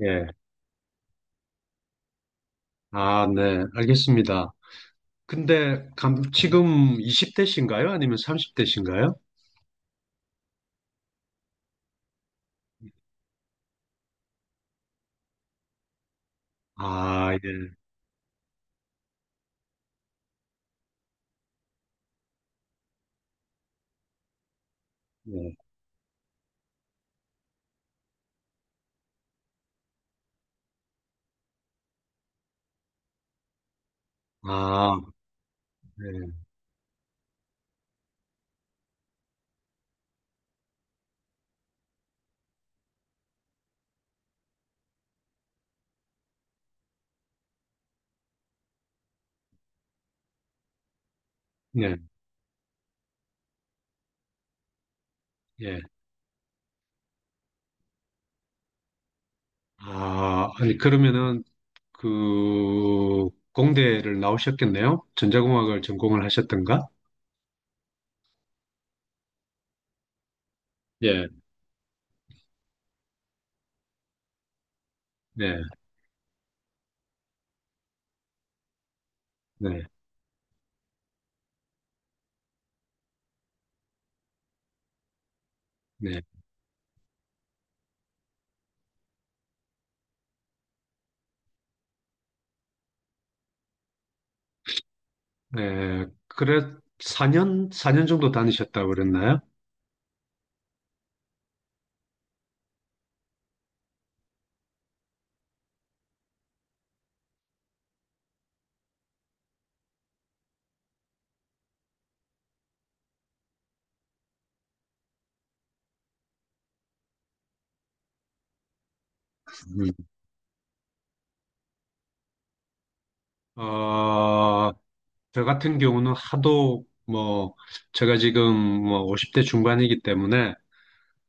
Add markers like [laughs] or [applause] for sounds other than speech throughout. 예. 아, 네. 알겠습니다. 근데 지금 20대신가요? 아니면 30대신가요? 아, 예. 예. 아, 예. 예. 예. 아, 아니, 그러면은 그 공대를 나오셨겠네요? 전자공학을 전공을 하셨던가? 예. 네. 네. 네. 네. 그래 4년 정도 다니셨다고 그랬나요? 음. 어, 저 같은 경우는 하도 뭐 제가 지금 뭐 50대 중반이기 때문에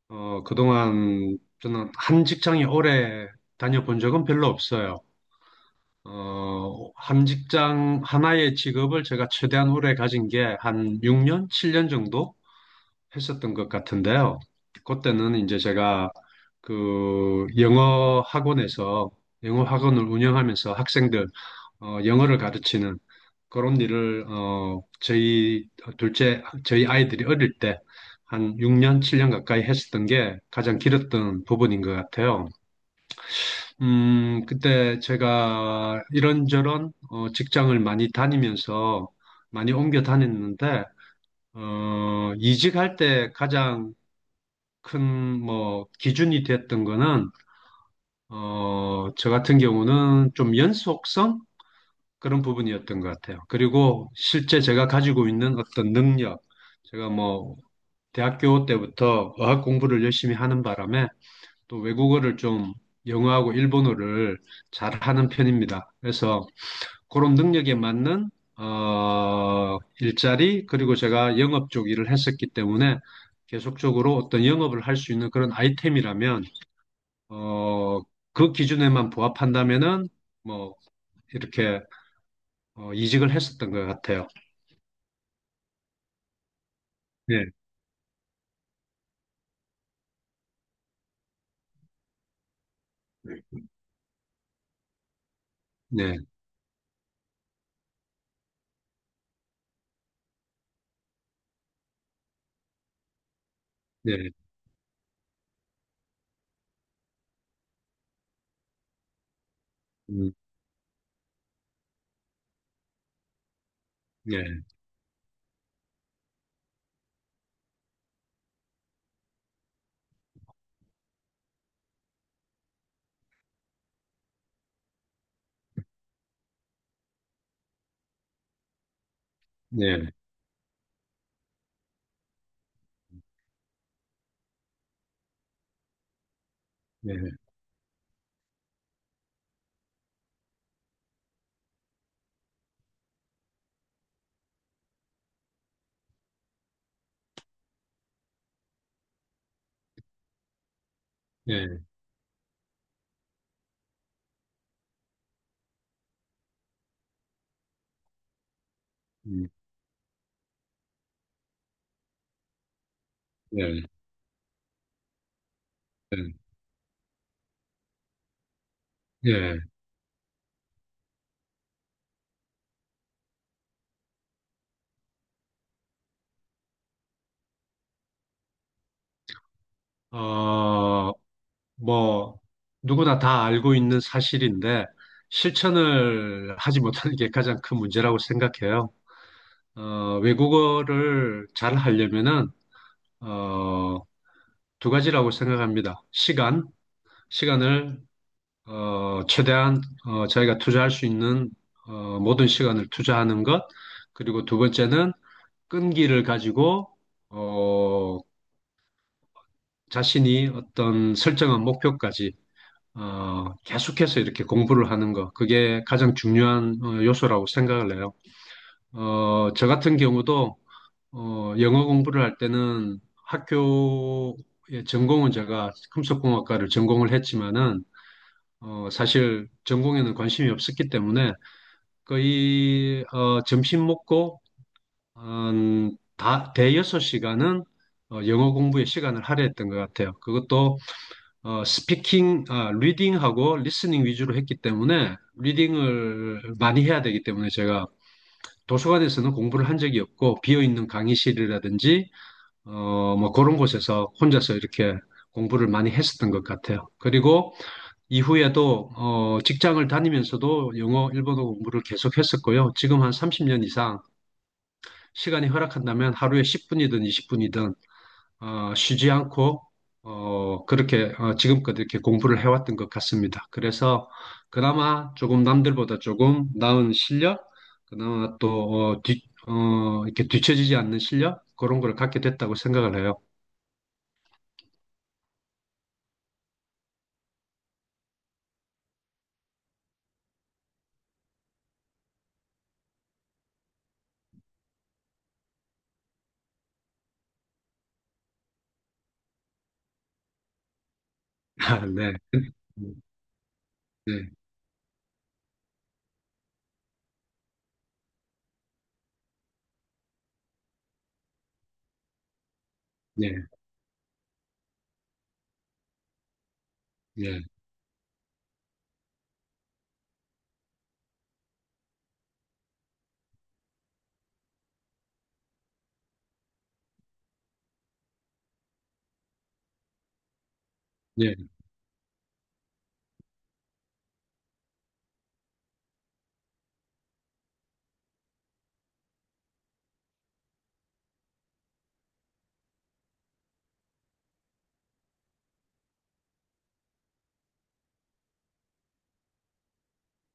그동안 저는 한 직장이 오래 다녀본 적은 별로 없어요. 어 한 직장 하나의 직업을 제가 최대한 오래 가진 게 한 6년, 7년 정도 했었던 것 같은데요. 그때는 이제 제가 그 영어 학원을 운영하면서 학생들 영어를 가르치는 그런 일을 저희 아이들이 어릴 때 한 6년, 7년 가까이 했었던 게 가장 길었던 부분인 것 같아요. 그때 제가 이런저런 직장을 많이 다니면서 많이 옮겨 다녔는데 이직할 때 가장 큰 뭐 기준이 됐던 거는 저 같은 경우는 좀 연속성 그런 부분이었던 것 같아요. 그리고 실제 제가 가지고 있는 어떤 능력, 제가 뭐 대학교 때부터 어학 공부를 열심히 하는 바람에 또 외국어를 좀 영어하고 일본어를 잘하는 편입니다. 그래서 그런 능력에 맞는 일자리 그리고 제가 영업 쪽 일을 했었기 때문에 계속적으로 어떤 영업을 할 수 있는 그런 아이템이라면 어, 그 기준에만 부합한다면은 뭐 이렇게 이직을 했었던 것 같아요. 네, 네, 네, 음, 네, 네, 네, 네, 음, 네, 네, 네. 어, 뭐, 누구나 다 알고 있는 사실인데, 실천을 하지 못하는 게 가장 큰 문제라고 생각해요. 외국어를 잘 하려면은, 어, 두 가지라고 생각합니다. 시간을, 최대한, 자기가 투자할 수 있는, 모든 시간을 투자하는 것, 그리고 두 번째는, 끈기를 가지고 어, 자신이 어떤 설정한 목표까지 계속해서 이렇게 공부를 하는 거 그게 가장 중요한 요소라고 생각을 해요. 저 같은 경우도 영어 공부를 할 때는 학교의 전공은 제가 금속공학과를 전공을 했지만은 사실 전공에는 관심이 없었기 때문에 거의 점심 먹고 한 대여섯 시간은 영어 공부에 시간을 할애했던 것 같아요. 그것도 리딩하고 리스닝 위주로 했기 때문에 리딩을 많이 해야 되기 때문에 제가 도서관에서는 공부를 한 적이 없고 비어있는 강의실이라든지 뭐 그런 곳에서 혼자서 이렇게 공부를 많이 했었던 것 같아요. 그리고 이후에도 직장을 다니면서도 영어, 일본어 공부를 계속 했었고요. 지금 한 30년 이상 시간이 허락한다면 하루에 10분이든 20분이든 쉬지 않고 그렇게 지금껏 이렇게 공부를 해왔던 것 같습니다. 그래서 그나마 조금 남들보다 조금 나은 실력, 그나마 또 이렇게 뒤처지지 않는 실력 그런 걸 갖게 됐다고 생각을 해요. [laughs] 네. 네, 네, 네, 네,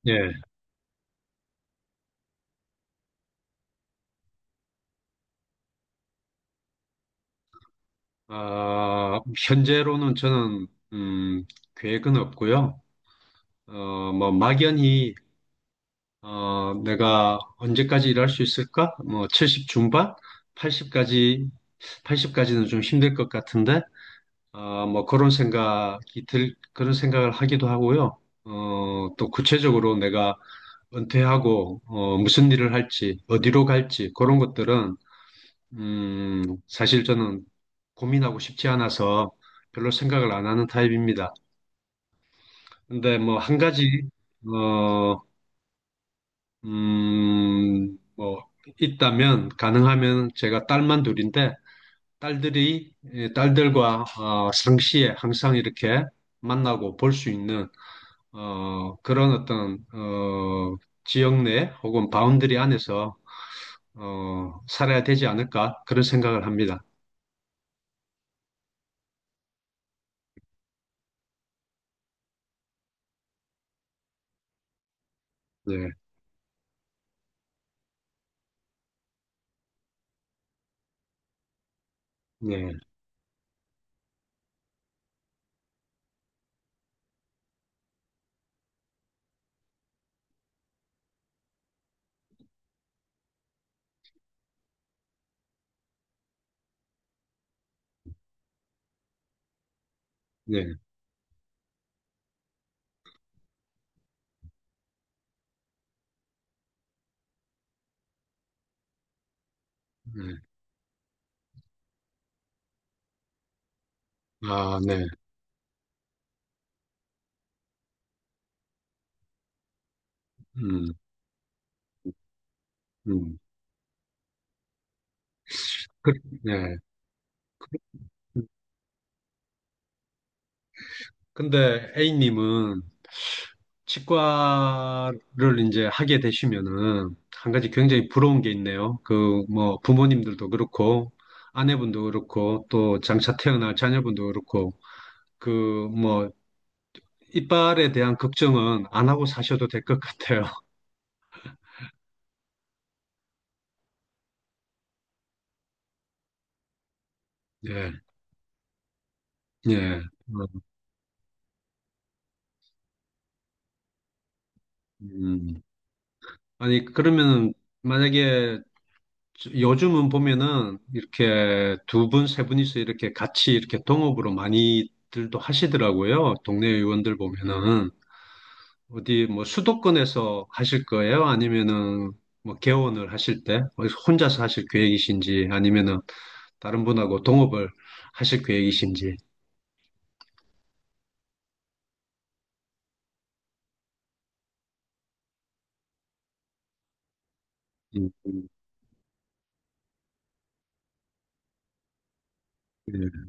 네. 아, 현재로는 저는 음, 계획은 없고요. 뭐 막연히 내가 언제까지 일할 수 있을까? 뭐, 70 중반? 80까지, 80까지는 좀 힘들 것 같은데, 뭐, 그런 생각을 하기도 하고요. 또 구체적으로 내가 은퇴하고, 무슨 일을 할지, 어디로 갈지, 그런 것들은, 사실 저는 고민하고 싶지 않아서 별로 생각을 안 하는 타입입니다. 근데 뭐, 한 가지, 어, 뭐, 있다면, 가능하면 제가 딸만 둘인데, 예, 딸들과, 상시에 항상 이렇게 만나고 볼 수 있는, 그런 어떤, 지역 내 혹은 바운드리 안에서, 살아야 되지 않을까, 그런 생각을 합니다. 네, 네, 네, 네. 아, 네, 음, 음. 그, 네. 근데 A님은 치과를 이제 하게 되시면은 한 가지 굉장히 부러운 게 있네요. 그 뭐 부모님들도 그렇고 아내분도 그렇고 또 장차 태어날 자녀분도 그렇고 그 뭐 이빨에 대한 걱정은 안 하고 사셔도 될 것 같아요. [laughs] 예, 예. 어, 음. 아니 그러면은 만약에 요즘은 보면은 이렇게 두 분, 세 분이서 이렇게 같이 이렇게 동업으로 많이들도 하시더라고요. 동네 의원들 보면은. 어디 뭐 수도권에서 하실 거예요? 아니면은 뭐 개원을 하실 때 어디서 혼자서 하실 계획이신지 아니면은 다른 분하고 동업을 하실 계획이신지. 음, 음, 예,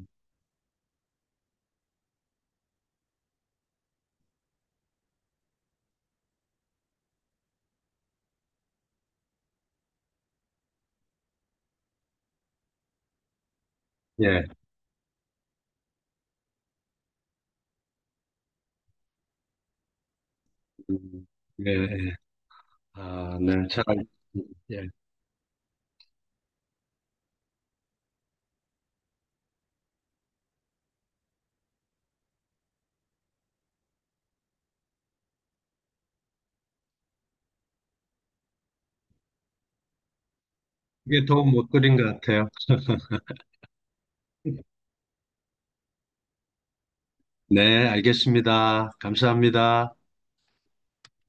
예, 음, 예, 예. 아, 네, 예. 그게 도움 못 드린 것 같아요. 네, 알겠습니다. 감사합니다.